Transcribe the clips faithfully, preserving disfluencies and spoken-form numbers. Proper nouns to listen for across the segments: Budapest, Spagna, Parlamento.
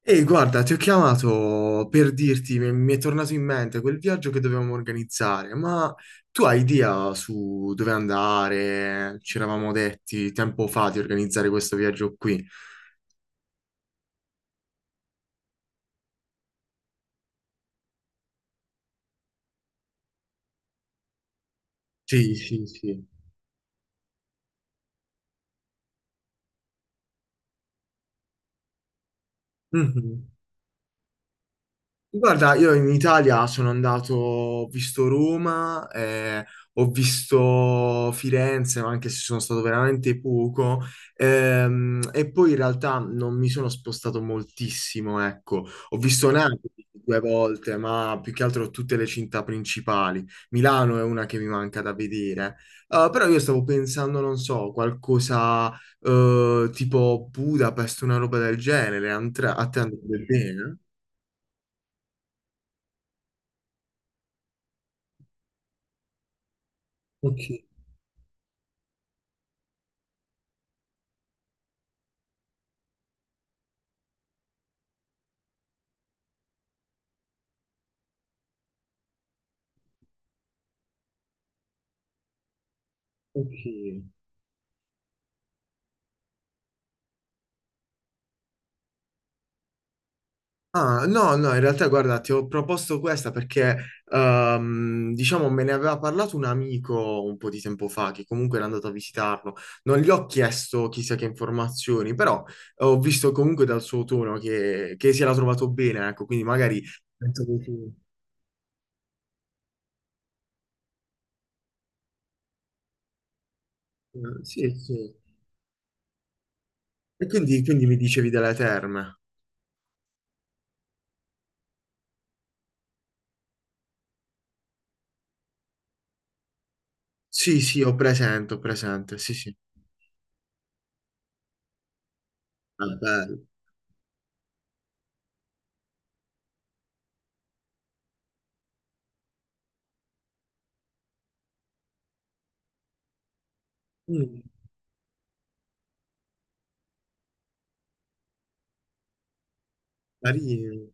Ehi, guarda, ti ho chiamato per dirti, mi mi è tornato in mente quel viaggio che dovevamo organizzare, ma tu hai idea su dove andare? Ci eravamo detti tempo fa di organizzare questo viaggio qui. Sì, sì, sì. Mhm. Guarda, io in Italia sono andato, ho visto Roma, eh, ho visto Firenze, ma anche se sono stato veramente poco, ehm, e poi in realtà non mi sono spostato moltissimo, ecco. Ho visto Napoli due volte, ma più che altro tutte le città principali. Milano è una che mi manca da vedere. Eh, però io stavo pensando, non so, qualcosa, eh, tipo Budapest, una roba del genere, Antra- a te andrebbe bene? Ok. Ok. Ah, no, no, in realtà guarda, ti ho proposto questa perché, ehm, diciamo, me ne aveva parlato un amico un po' di tempo fa, che comunque era andato a visitarlo. Non gli ho chiesto chissà che informazioni, però eh, ho visto comunque dal suo tono che, che si era trovato bene, ecco, quindi magari... Penso che tu- eh, sì, sì. E quindi, quindi mi dicevi delle terme. Sì, sì, ho presente, ho presente, sì, sì. Ah, bello. Mm, carino.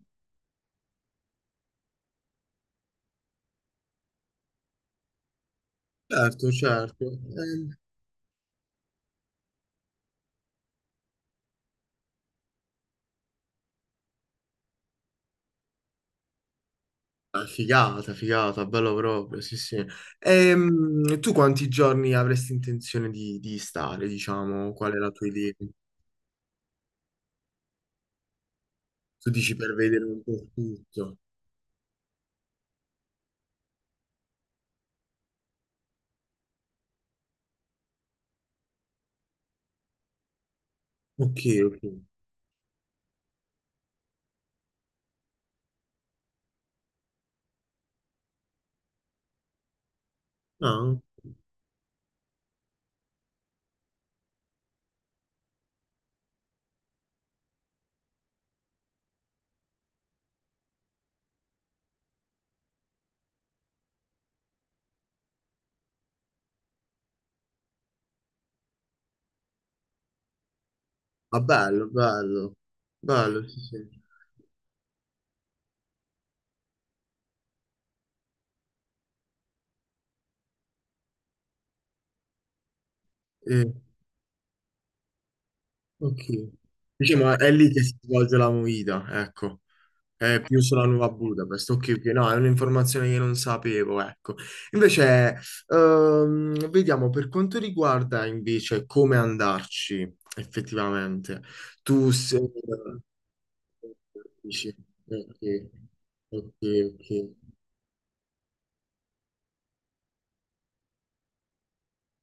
Certo, certo. Ehm, Ah, figata, figata, bello proprio, sì, sì. Ehm, tu quanti giorni avresti intenzione di, di stare, diciamo? Qual è la tua idea? Tu dici per vedere un po' tutto. Ok, ok. Ah, ah, bello, bello, bello, sì, sì. Eh, ok. Diciamo, è lì che si svolge la movida, ecco. È più sulla nuova Budapest, ok, ok, no, è un'informazione che non sapevo, ecco. Invece, ehm, vediamo per quanto riguarda invece come andarci effettivamente. Tu sei... dici, ok, ok, ok.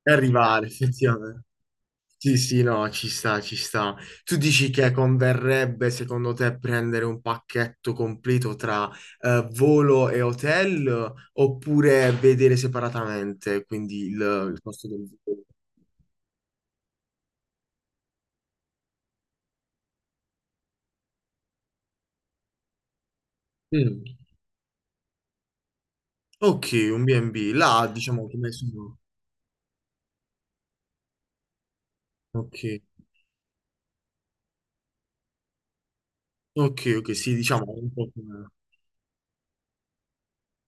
E arrivare effettivamente. Sì, sì, no, ci sta, ci sta. Tu dici che converrebbe secondo te prendere un pacchetto completo tra eh, volo e hotel oppure vedere separatamente, quindi il, il costo del volo? Mm. Ok, un bi e bi, là diciamo come sono. Ok, ok, ok, sì, diciamo un po' come...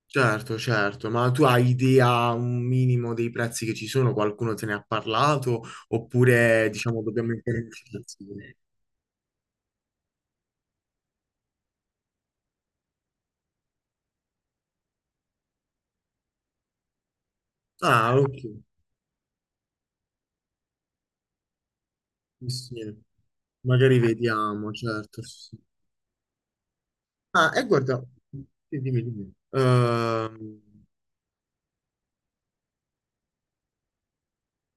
Certo, certo, ma tu hai idea un minimo dei prezzi che ci sono? Qualcuno te ne ha parlato? Oppure diciamo dobbiamo imparare? Ah, ok. Sì, sì. Magari vediamo, certo. Sì, sì. Ah, e guarda, sì, dimmi, dimmi. Ehm,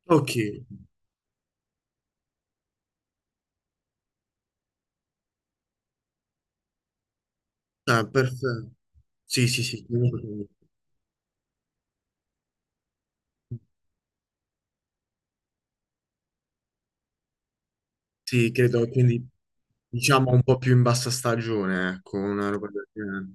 ok, ah, perfetto. Sì, sì, sì, sì, credo, quindi diciamo un po' più in bassa stagione, ecco, una roba del genere.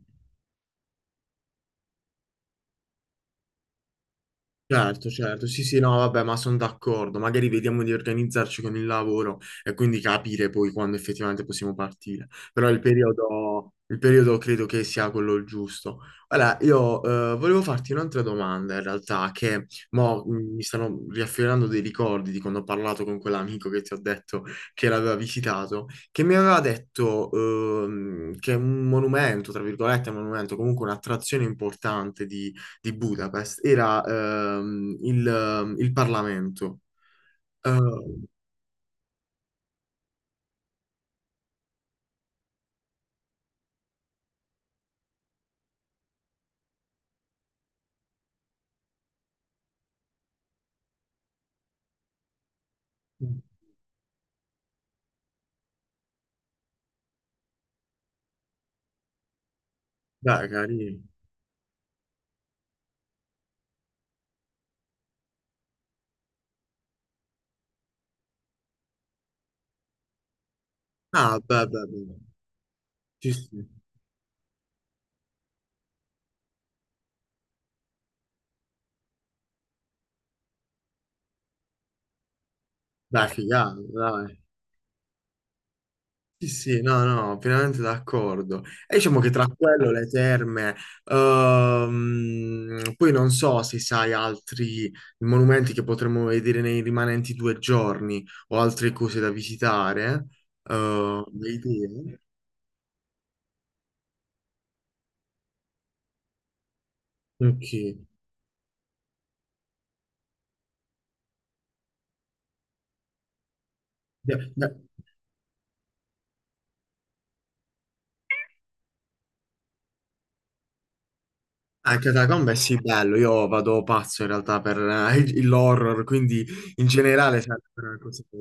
Certo, certo, sì, sì, no, vabbè, ma sono d'accordo. Magari vediamo di organizzarci con il lavoro e quindi capire poi quando effettivamente possiamo partire. Però il periodo, il periodo credo che sia quello il giusto. Allora, io eh, volevo farti un'altra domanda in realtà, che mo, mh, mi stanno riaffiorando dei ricordi di quando ho parlato con quell'amico che ti ho detto che l'aveva visitato, che mi aveva detto ehm, che un monumento, tra virgolette, un monumento, comunque un'attrazione importante di Budapest era ehm, il, ehm, il Parlamento. Eh, beh, carino. Ah, beh, beh, beh. Sì, sì. Beh, figata, dai. Sì, sì, no, no, pienamente d'accordo. E diciamo che tra quello, le terme, ehm, poi non so se sai altri monumenti che potremmo vedere nei rimanenti due giorni o altre cose da visitare. Eh, le idee? Ok. Beh, beh. Anche Catacombe è sì bello, io vado pazzo in realtà per eh, il- l'horror, quindi in generale sarebbero una cosa che...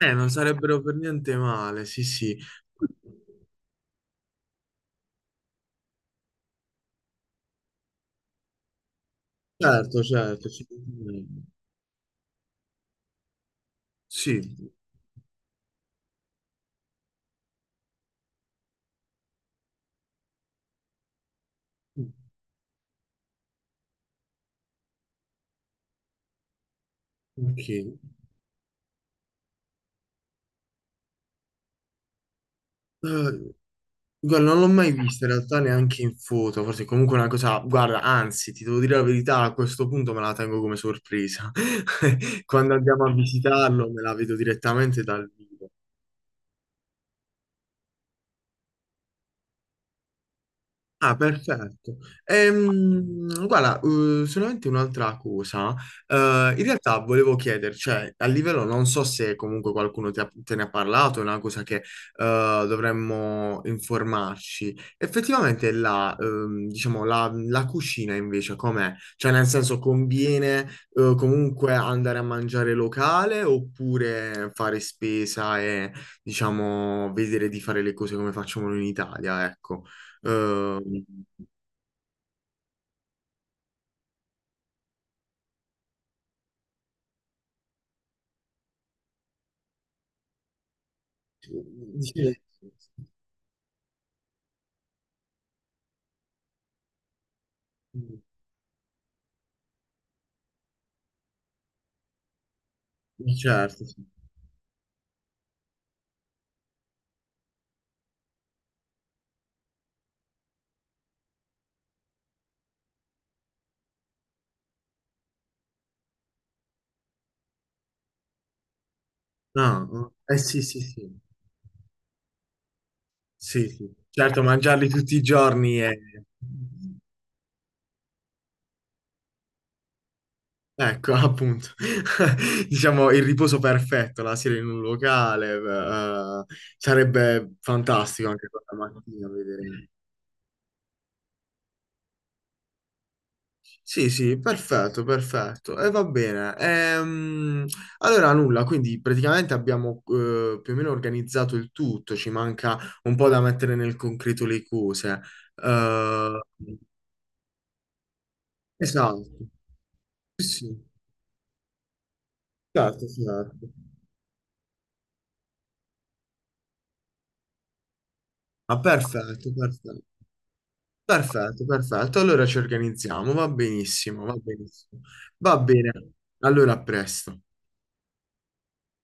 Eh, non sarebbero per niente male, sì, sì. Certo, certo, sì. Sì. Ok. Eh, guarda, non l'ho mai vista in realtà neanche in foto, forse è comunque una cosa... Guarda, anzi, ti devo dire la verità, a questo punto me la tengo come sorpresa. Quando andiamo a visitarlo me la vedo direttamente dal vivo. Ah, perfetto. Ehm, guarda, eh, solamente un'altra cosa. Eh, in realtà volevo chiedere, cioè, a livello, non so se comunque qualcuno ti ha- te ne ha parlato, è una cosa che eh, dovremmo informarci. Effettivamente la, ehm, diciamo, la, la cucina invece com'è? Cioè, nel senso, conviene eh, comunque andare a mangiare locale oppure fare spesa e, diciamo, vedere di fare le cose come facciamo in Italia, ecco? Ehm, sì, certo, sì. No, eh sì, sì, sì, sì, sì. Certo, mangiarli tutti i giorni è... Ecco, appunto, diciamo il riposo perfetto, la sera in un locale, eh, sarebbe fantastico anche quella mattina vedere. Sì, sì, perfetto, perfetto. E va bene. Ehm, allora, nulla, quindi praticamente abbiamo eh, più o meno organizzato il tutto, ci manca un po' da mettere nel concreto le cose. Eh, esatto, sì, sì, certo, certo. Ah, perfetto, perfetto. Perfetto, perfetto. Allora ci organizziamo, va benissimo, va benissimo. Va bene. Allora, a presto.